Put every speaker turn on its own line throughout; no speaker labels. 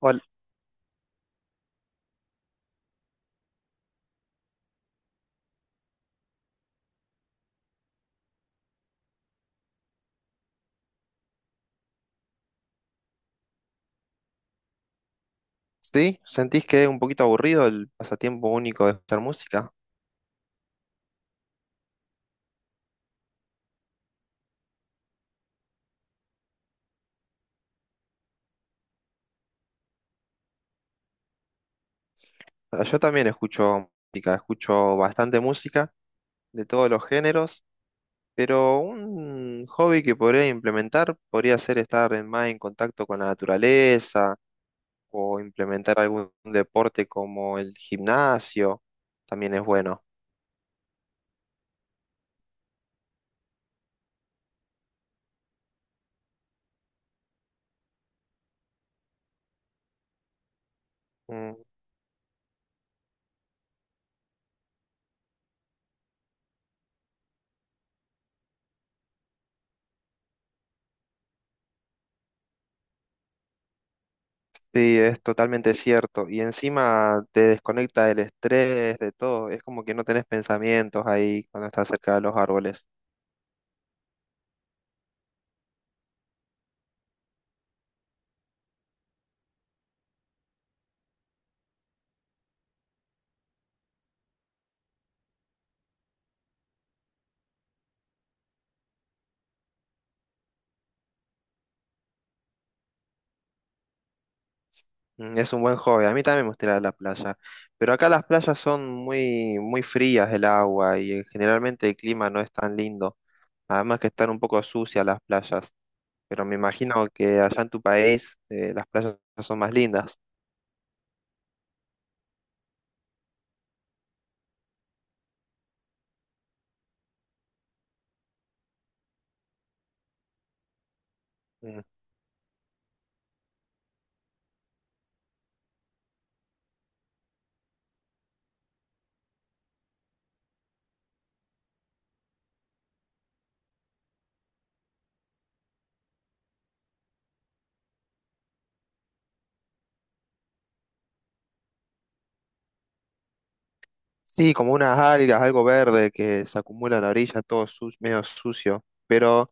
Ol- ¿Sí? ¿Sentís que es un poquito aburrido el pasatiempo único de escuchar música? Ah, yo también escucho música, escucho bastante música de todos los géneros, pero un hobby que podría implementar podría ser estar en- más en contacto con la naturaleza o implementar algún deporte como el gimnasio, también es bueno. Mm. Sí, es totalmente cierto. Y encima te desconecta del estrés, de todo. Es como que no tenés pensamientos ahí cuando estás cerca de los árboles. Mm, es un buen hobby. A mí también me gusta ir a la playa, pero acá las playas son muy, muy frías el agua y generalmente el clima no es tan lindo. Además que están un poco sucias las playas, pero me imagino que allá en tu país las playas son más lindas. Mm. Sí, como unas algas, algo verde que se acumula en la orilla, todo su- medio sucio. Pero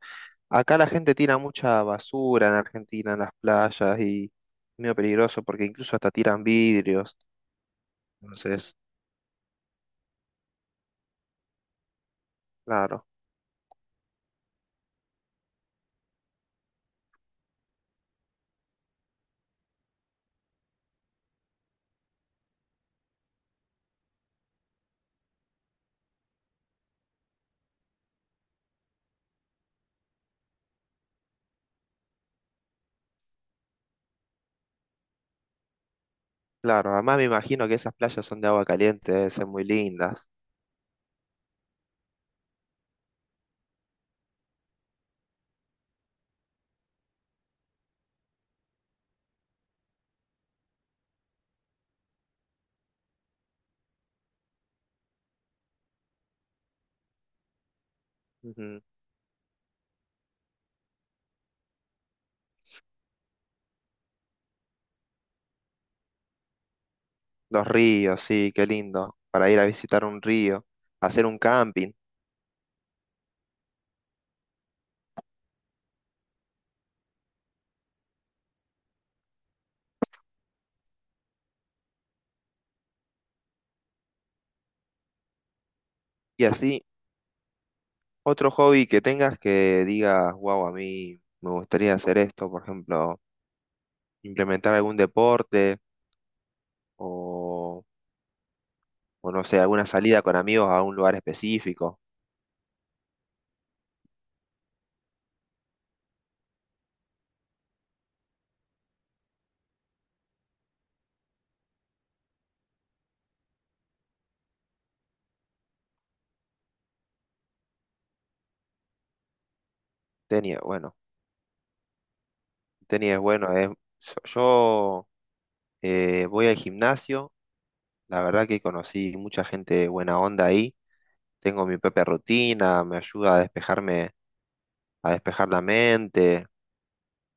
acá la gente tira mucha basura en Argentina en las playas y es medio peligroso porque incluso hasta tiran vidrios. Entonces, claro. Claro, además me imagino que esas playas son de agua caliente, deben ser muy lindas. Ujú. Los ríos, sí, qué lindo. Para ir a visitar un río, hacer un camping. Y así, otro hobby que tengas que digas, wow, a mí me gustaría hacer esto, por ejemplo, implementar algún deporte o, o no sé, alguna salida con amigos a un lugar específico. Tenis, bueno, tenis es bueno. Es, so, yo voy al gimnasio, la verdad que conocí mucha gente buena onda ahí, tengo mi propia rutina, me ayuda a despejarme, a despejar la mente.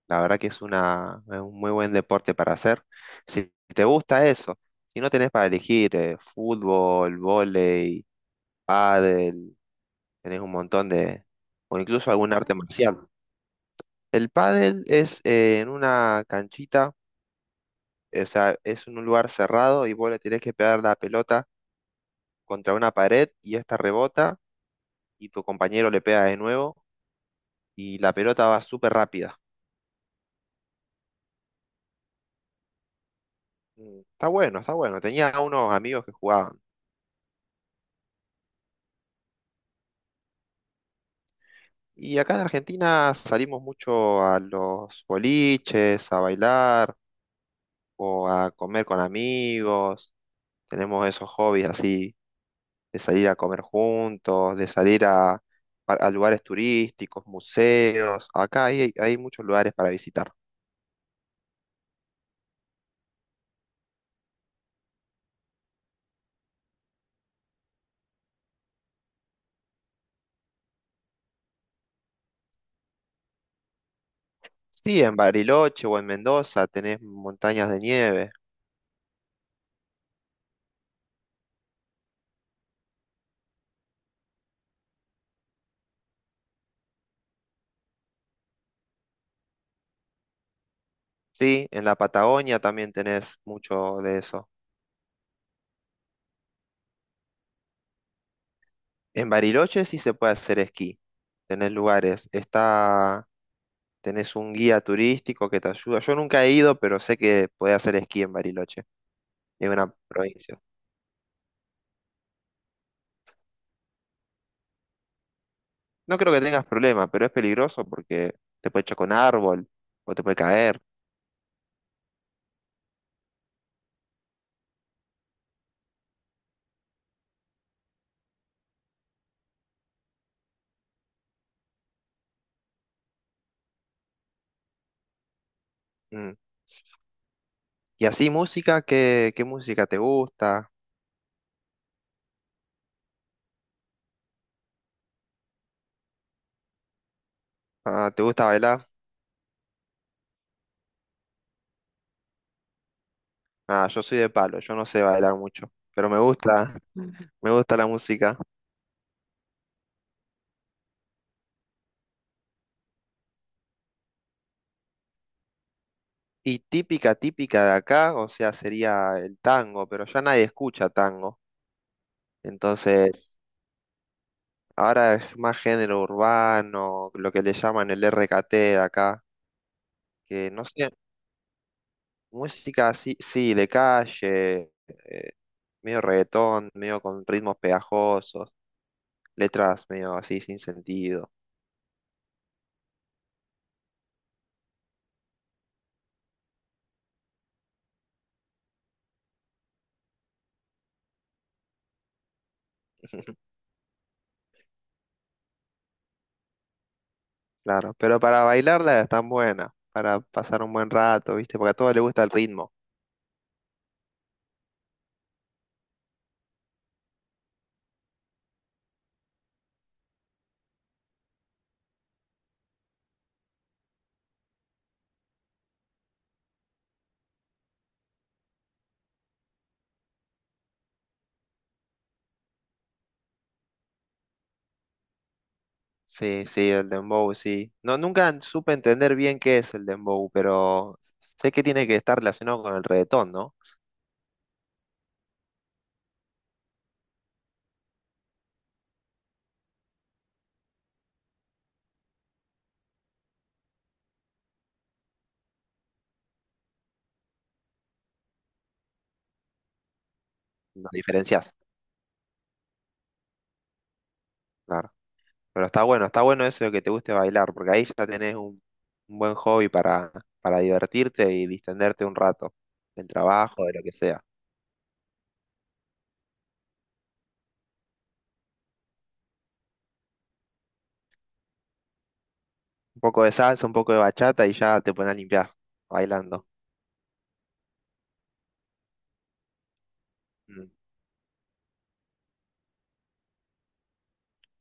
La verdad que es una, es un muy buen deporte para hacer. Si te gusta eso, si no tenés para elegir fútbol, vóley, pádel, tenés un montón de, o incluso algún arte marcial. El pádel es en una canchita, o sea, es en un lugar cerrado y vos le tenés que pegar la pelota contra una pared y esta rebota y tu compañero le pega de nuevo y la pelota va súper rápida. Mm, está bueno, está bueno. Tenía unos amigos que jugaban. Y acá en Argentina salimos mucho a los boliches, a bailar o a comer con amigos. Tenemos esos hobbies así de salir a comer juntos, de salir a lugares turísticos, museos. Acá hay, hay muchos lugares para visitar. Sí, en Bariloche o en Mendoza tenés montañas de nieve. Sí, en la Patagonia también tenés mucho de eso. En Bariloche sí se puede hacer esquí. Tenés lugares, está, tenés un guía turístico que te ayuda. Yo nunca he ido, pero sé que podés hacer esquí en Bariloche, en una provincia. No creo que tengas problema, pero es peligroso porque te puede chocar un árbol o te puede caer. Mm. Y así música, ¿qué, qué música te gusta? Ah, ¿te gusta bailar? Ah, yo soy de palo, yo no sé bailar mucho, pero me gusta la música. Y típica, típica de acá, o sea, sería el tango, pero ya nadie escucha tango. Entonces, ahora es más género urbano, lo que le llaman el RKT de acá, que no sé, música así, sí, de calle, eh, medio reggaetón, medio con ritmos pegajosos, letras medio así sin sentido. Claro, pero para bailarla es tan buena, para pasar un buen rato, ¿viste? Porque a todos les gusta el ritmo. Sí, sí, el dembow, sí. No, nunca supe entender bien qué es el dembow, pero sé que tiene que estar relacionado con el reggaetón, ¿no? Las diferencias, claro. Pero está bueno eso de que te guste bailar, porque ahí ya tenés un buen hobby para divertirte y distenderte un rato del trabajo, de lo que sea. Un poco de salsa, un poco de bachata y ya te pones a limpiar, bailando. Mm,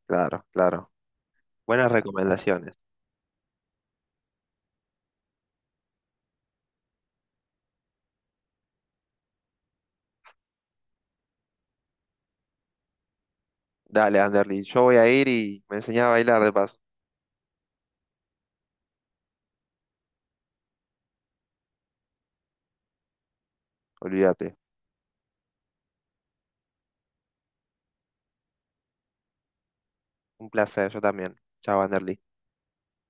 claro, claro. Buenas recomendaciones. Dale, Anderly, yo voy a ir y me enseñás a bailar de paso. Olvídate. Un placer, yo también. Chao, Anderly.